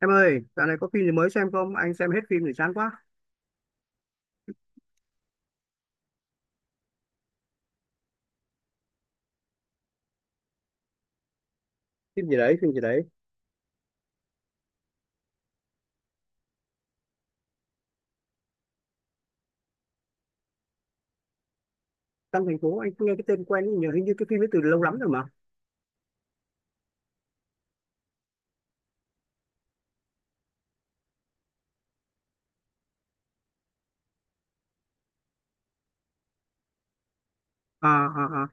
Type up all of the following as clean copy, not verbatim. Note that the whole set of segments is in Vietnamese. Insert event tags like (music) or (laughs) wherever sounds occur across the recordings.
Em ơi, dạo này có phim gì mới xem không? Anh xem hết phim rồi chán quá. Phim gì đấy, phim gì đấy? Trong thành phố anh cũng nghe cái tên quen nhưng nhớ hình như cái phim ấy từ lâu lắm rồi mà. À, à, à.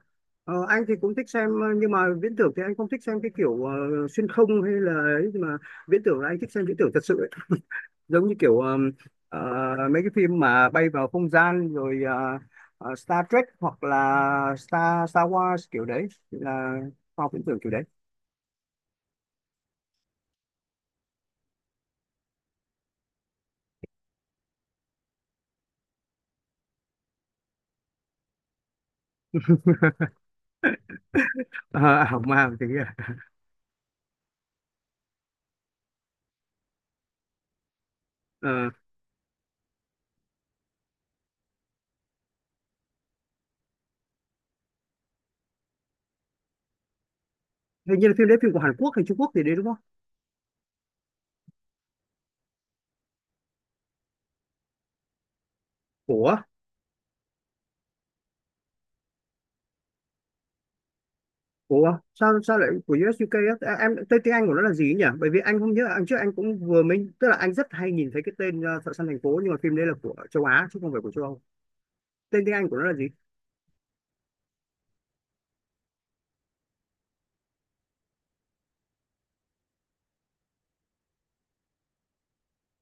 Ờ, anh thì cũng thích xem, nhưng mà viễn tưởng thì anh không thích xem cái kiểu xuyên không hay là ấy, nhưng mà viễn tưởng là anh thích xem viễn tưởng thật sự ấy. Giống như kiểu ờ, mấy cái phim mà bay vào không gian rồi, Star Trek hoặc là Star Star Wars, kiểu đấy là khoa học viễn tưởng kiểu đấy. (laughs) À, hỏng màng thì kia. Hình như là phim đấy, phim của Hàn Quốc hay Trung Quốc thì đấy đúng không? Của của sao sao lại của US UK á? À, em, tên tiếng Anh của nó là gì ấy nhỉ? Bởi vì anh không nhớ, anh trước anh cũng vừa mình, tức là anh rất hay nhìn thấy cái tên Thợ Săn Thành Phố, nhưng mà phim đấy là của châu Á chứ không phải của châu Âu. Tên tiếng Anh của nó là gì?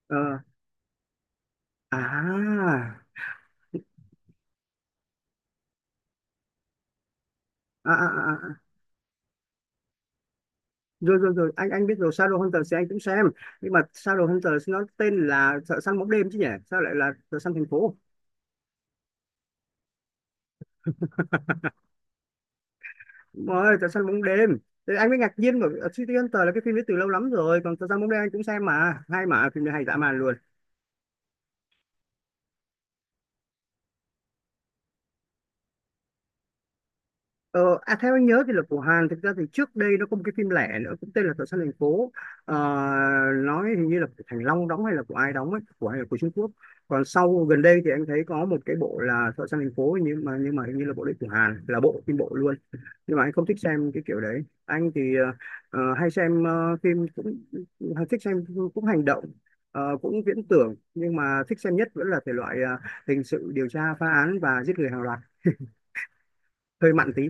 Ờ, à, à, à, à, à. Rồi rồi rồi, anh biết rồi, Shadow Hunters thì anh cũng xem. Nhưng mà Shadow Hunters nó tên là Thợ Săn Bóng Đêm chứ nhỉ, sao lại là Thợ Săn Thành Phố? Đúng rồi, Trại Săn Bóng Đêm, thì anh mới ngạc nhiên bởi vì City Hunter là cái phim đấy từ lâu lắm rồi, còn Trại Săn Bóng Đêm anh cũng xem mà hay, mà phim này hay dã man luôn. Ờ, à, theo anh nhớ thì luật của Hàn, thực ra thì trước đây nó có một cái phim lẻ nữa cũng tên là Tội Săn Thành Phố. Ờ, nói hình như là của Thành Long đóng hay là của ai đóng ấy, của ai là của Trung Quốc. Còn sau gần đây thì anh thấy có một cái bộ là Tội Săn Thành Phố, nhưng mà hình như là bộ đấy của Hàn là bộ phim bộ luôn. Nhưng mà anh không thích xem cái kiểu đấy, anh thì hay xem phim cũng hay, thích xem cũng hành động, cũng viễn tưởng, nhưng mà thích xem nhất vẫn là thể loại hình sự, điều tra phá án và giết người hàng loạt, hơi mặn tí.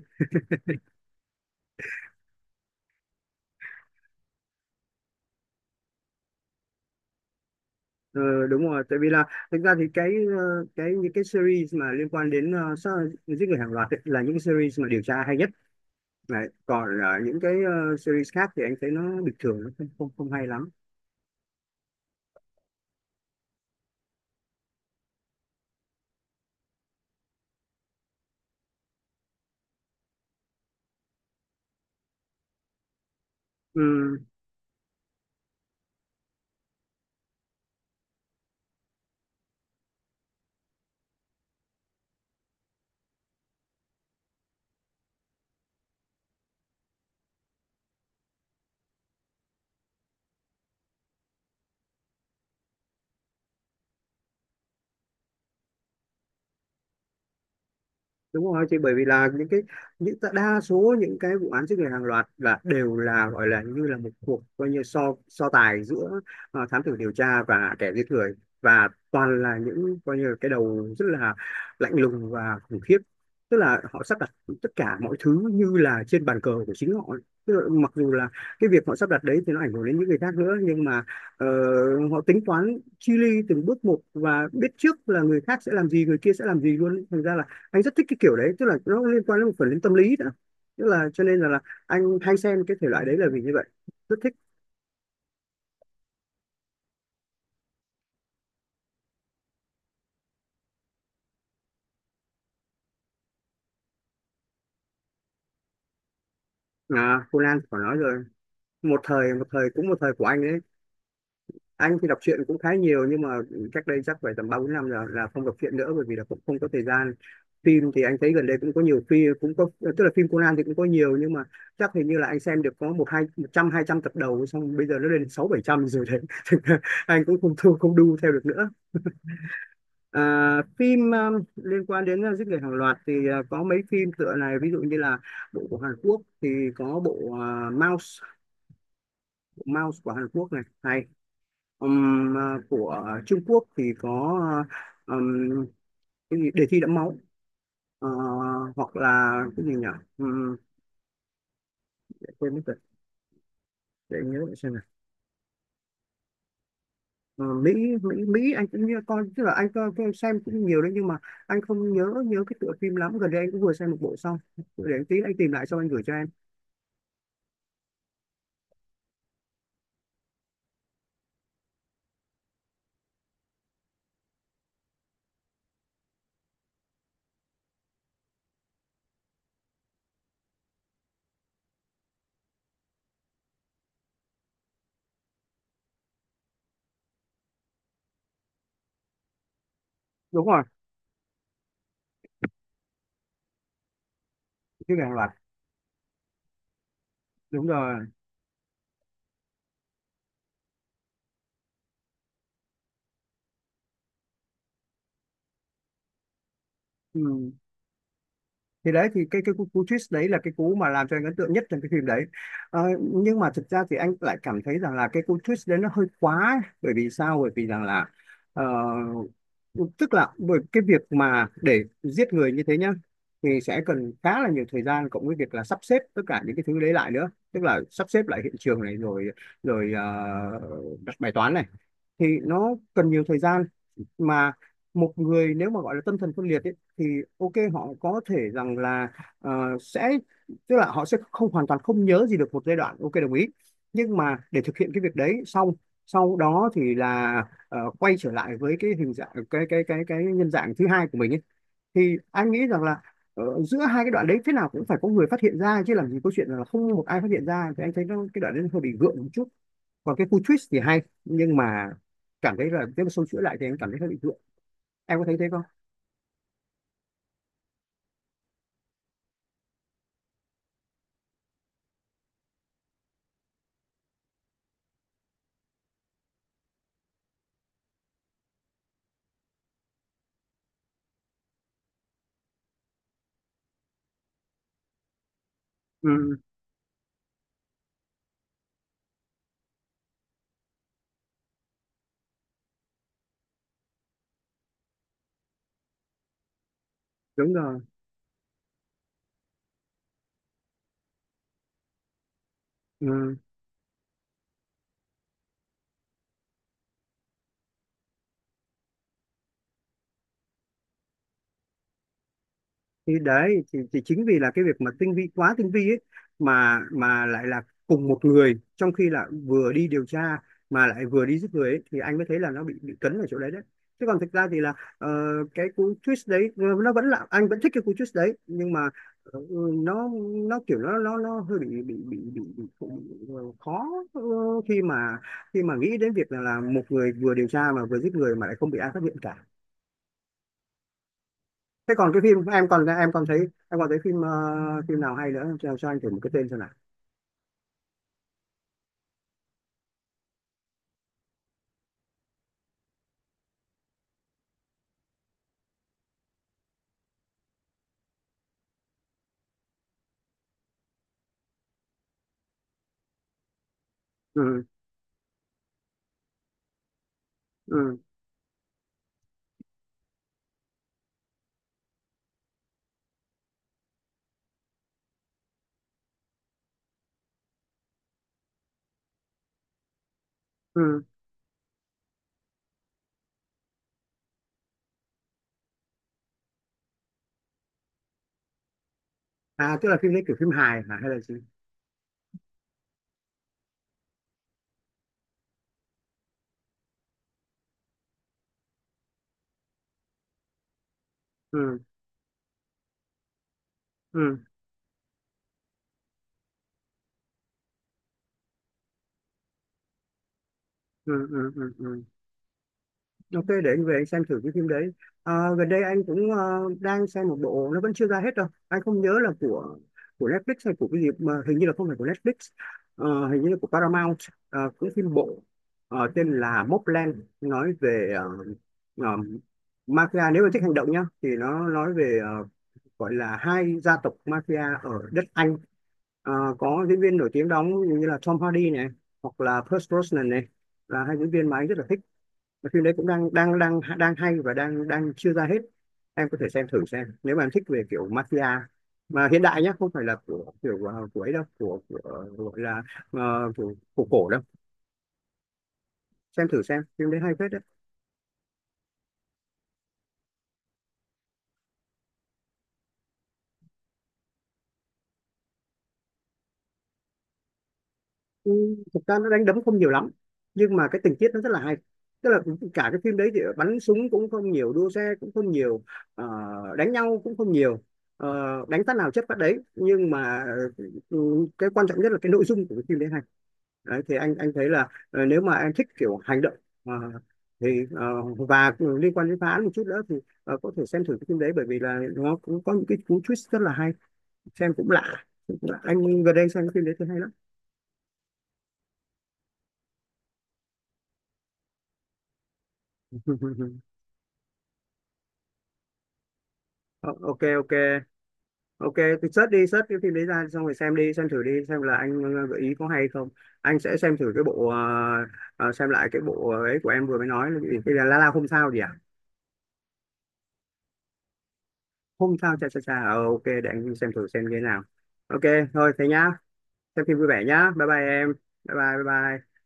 Ờ, đúng rồi, tại vì là, thực ra thì cái những cái series mà liên quan đến sát, giết người hàng loạt ấy, là những series mà điều tra hay nhất. Đấy. Còn những cái series khác thì anh thấy nó bình thường, nó không không, không hay lắm. Ừ, đúng rồi chị, bởi vì là những cái, đa số những cái vụ án giết người hàng loạt là đều là, gọi là như là một cuộc coi như so so tài giữa thám tử điều tra và kẻ giết người, và toàn là những coi như là cái đầu rất là lạnh lùng và khủng khiếp. Tức là họ sắp đặt tất cả mọi thứ như là trên bàn cờ của chính họ, tức là mặc dù là cái việc họ sắp đặt đấy thì nó ảnh hưởng đến những người khác nữa, nhưng mà ờ, họ tính toán chi li từng bước một và biết trước là người khác sẽ làm gì, người kia sẽ làm gì luôn, thành ra là anh rất thích cái kiểu đấy, tức là nó liên quan đến một phần đến tâm lý nữa, tức là cho nên là anh hay xem cái thể loại đấy là vì như vậy, rất thích. À, Conan phải nói rồi, một thời, một thời, cũng một thời của anh đấy. Anh thì đọc truyện cũng khá nhiều, nhưng mà cách đây chắc phải tầm ba bốn năm rồi là không đọc truyện nữa, bởi vì là cũng không có thời gian. Phim thì anh thấy gần đây cũng có nhiều phim, cũng có, tức là phim Conan thì cũng có nhiều, nhưng mà chắc hình như là anh xem được có một hai, một trăm hai trăm tập đầu, xong bây giờ nó lên sáu bảy trăm rồi đấy. (laughs) Thành ra anh cũng không thu không đu theo được nữa. À, phim liên quan đến giết người hàng loạt thì có mấy phim tựa này, ví dụ như là bộ của Hàn Quốc thì có bộ Mouse. Bộ Mouse của Hàn Quốc này hay. Ừm, của Trung Quốc thì có, uh, um, cái gì Đề Thi Đẫm Máu. Ờ, Hoặc là cái gì nhỉ. Ừm, để quên mất rồi, để nhớ lại xem nào. Ờ, Mỹ, Mỹ, Mỹ anh cũng như con, tức là anh coi coi xem cũng nhiều đấy, nhưng mà anh không nhớ nhớ cái tựa phim lắm, gần đây anh cũng vừa xem một bộ xong, để anh tí anh tìm lại xong anh gửi cho em. Đúng rồi. Cái hàng loạt. Đúng rồi. Ừ. Thì đấy, thì cái cú twist đấy là cái cú mà làm cho anh ấn tượng nhất trong cái phim đấy. Nhưng mà thực ra thì anh lại cảm thấy rằng là cái cú twist đấy nó hơi quá ấy. Bởi vì sao? Bởi vì rằng là ờ, tức là bởi cái việc mà để giết người như thế nhá, thì sẽ cần khá là nhiều thời gian, cộng với việc là sắp xếp tất cả những cái thứ đấy lại nữa, tức là sắp xếp lại hiện trường này rồi, rồi ờ, đặt bài toán này, thì nó cần nhiều thời gian. Mà một người nếu mà gọi là tâm thần phân liệt ấy, thì ok họ có thể rằng là, ờ, sẽ tức là họ sẽ không, hoàn toàn không nhớ gì được một giai đoạn, ok đồng ý. Nhưng mà để thực hiện cái việc đấy xong, sau đó thì là quay trở lại với cái hình dạng cái nhân dạng thứ hai của mình ấy, thì anh nghĩ rằng là giữa hai cái đoạn đấy thế nào cũng phải có người phát hiện ra chứ, làm gì có chuyện là không một ai phát hiện ra, thì anh thấy nó, cái đoạn đấy nó hơi bị gượng một chút. Còn cái khu twist thì hay, nhưng mà cảm thấy là nếu mà xâu chuỗi lại thì em cảm thấy hơi bị gượng, em có thấy thế không? Ừ. Đúng rồi. Ừ. Thì đấy, thì chính vì là cái việc mà tinh vi quá tinh vi ấy, mà lại là cùng một người, trong khi là vừa đi điều tra mà lại vừa đi giết người ấy, thì anh mới thấy là nó bị cấn ở chỗ đấy đấy. Chứ còn thực ra thì là, cái cú twist đấy, nó vẫn là, anh vẫn thích cái cú twist đấy, nhưng mà ờ, nó nó kiểu nó hơi bị khó, ờ, khi mà nghĩ đến việc là một người vừa điều tra mà vừa giết người mà lại không bị ai phát hiện cả. Thế còn cái phim em còn, em còn thấy phim phim nào hay nữa cho, anh thử một cái tên xem nào. Ừ, ừ, ừ. À tức là phim đấy kiểu phim hài hả hay là gì? Ừ, ừ, ừ, ừ, ừ, ừ. Ok, để anh về anh xem thử cái phim đấy. À, gần đây anh cũng đang xem một bộ, nó vẫn chưa ra hết đâu. Anh không nhớ là của Netflix hay của cái gì mà hình như là không phải của Netflix. Ờ, hình như là của Paramount. Cái phim bộ, tên là Mobland, nói về ờ, mafia. Nếu mà thích hành động nhá, thì nó nói về, gọi là hai gia tộc mafia ở đất Anh. Ờ, có diễn viên nổi tiếng đóng như là Tom Hardy này, hoặc là Pierce Brosnan này, là hai diễn viên mà anh rất là thích, mà phim đấy cũng đang đang đang đang hay, và đang đang chưa ra hết. Em có thể xem thử xem, nếu mà em thích về kiểu mafia mà hiện đại nhá, không phải là của kiểu của ấy đâu, của gọi là của cổ đâu. Xem thử xem phim đấy hay phết đấy. Ừ, thực ra nó đánh đấm không nhiều lắm, nhưng mà cái tình tiết nó rất là hay, tức là cả cái phim đấy thì bắn súng cũng không nhiều, đua xe cũng không nhiều, ờ, đánh nhau cũng không nhiều, ờ, đánh phát nào chất phát đấy, nhưng mà cái quan trọng nhất là cái nội dung của cái phim đấy hay. Đấy thì anh thấy là nếu mà em thích kiểu hành động, ờ, thì ờ, và liên quan đến phá án một chút nữa thì có thể xem thử cái phim đấy, bởi vì là nó cũng có những cái cú twist rất là hay, xem cũng lạ. Cũng lạ. Anh gần đây xem cái phim đấy thì hay lắm. (laughs) Ờ, ok, ok, ok. Thì search đi, search cái phim đấy ra xong rồi xem đi, xem thử đi, xem là anh gợi ý có hay không. Anh sẽ xem thử cái bộ xem lại cái bộ ấy của em vừa mới nói là cái gì? Cái là La La không sao gì à? Không sao Cha Cha Cha, ok, để anh đi xem thử xem như thế nào. Ok, thôi thế nhá, xem phim vui vẻ nhá, bye bye em. Bye bye, bye bye.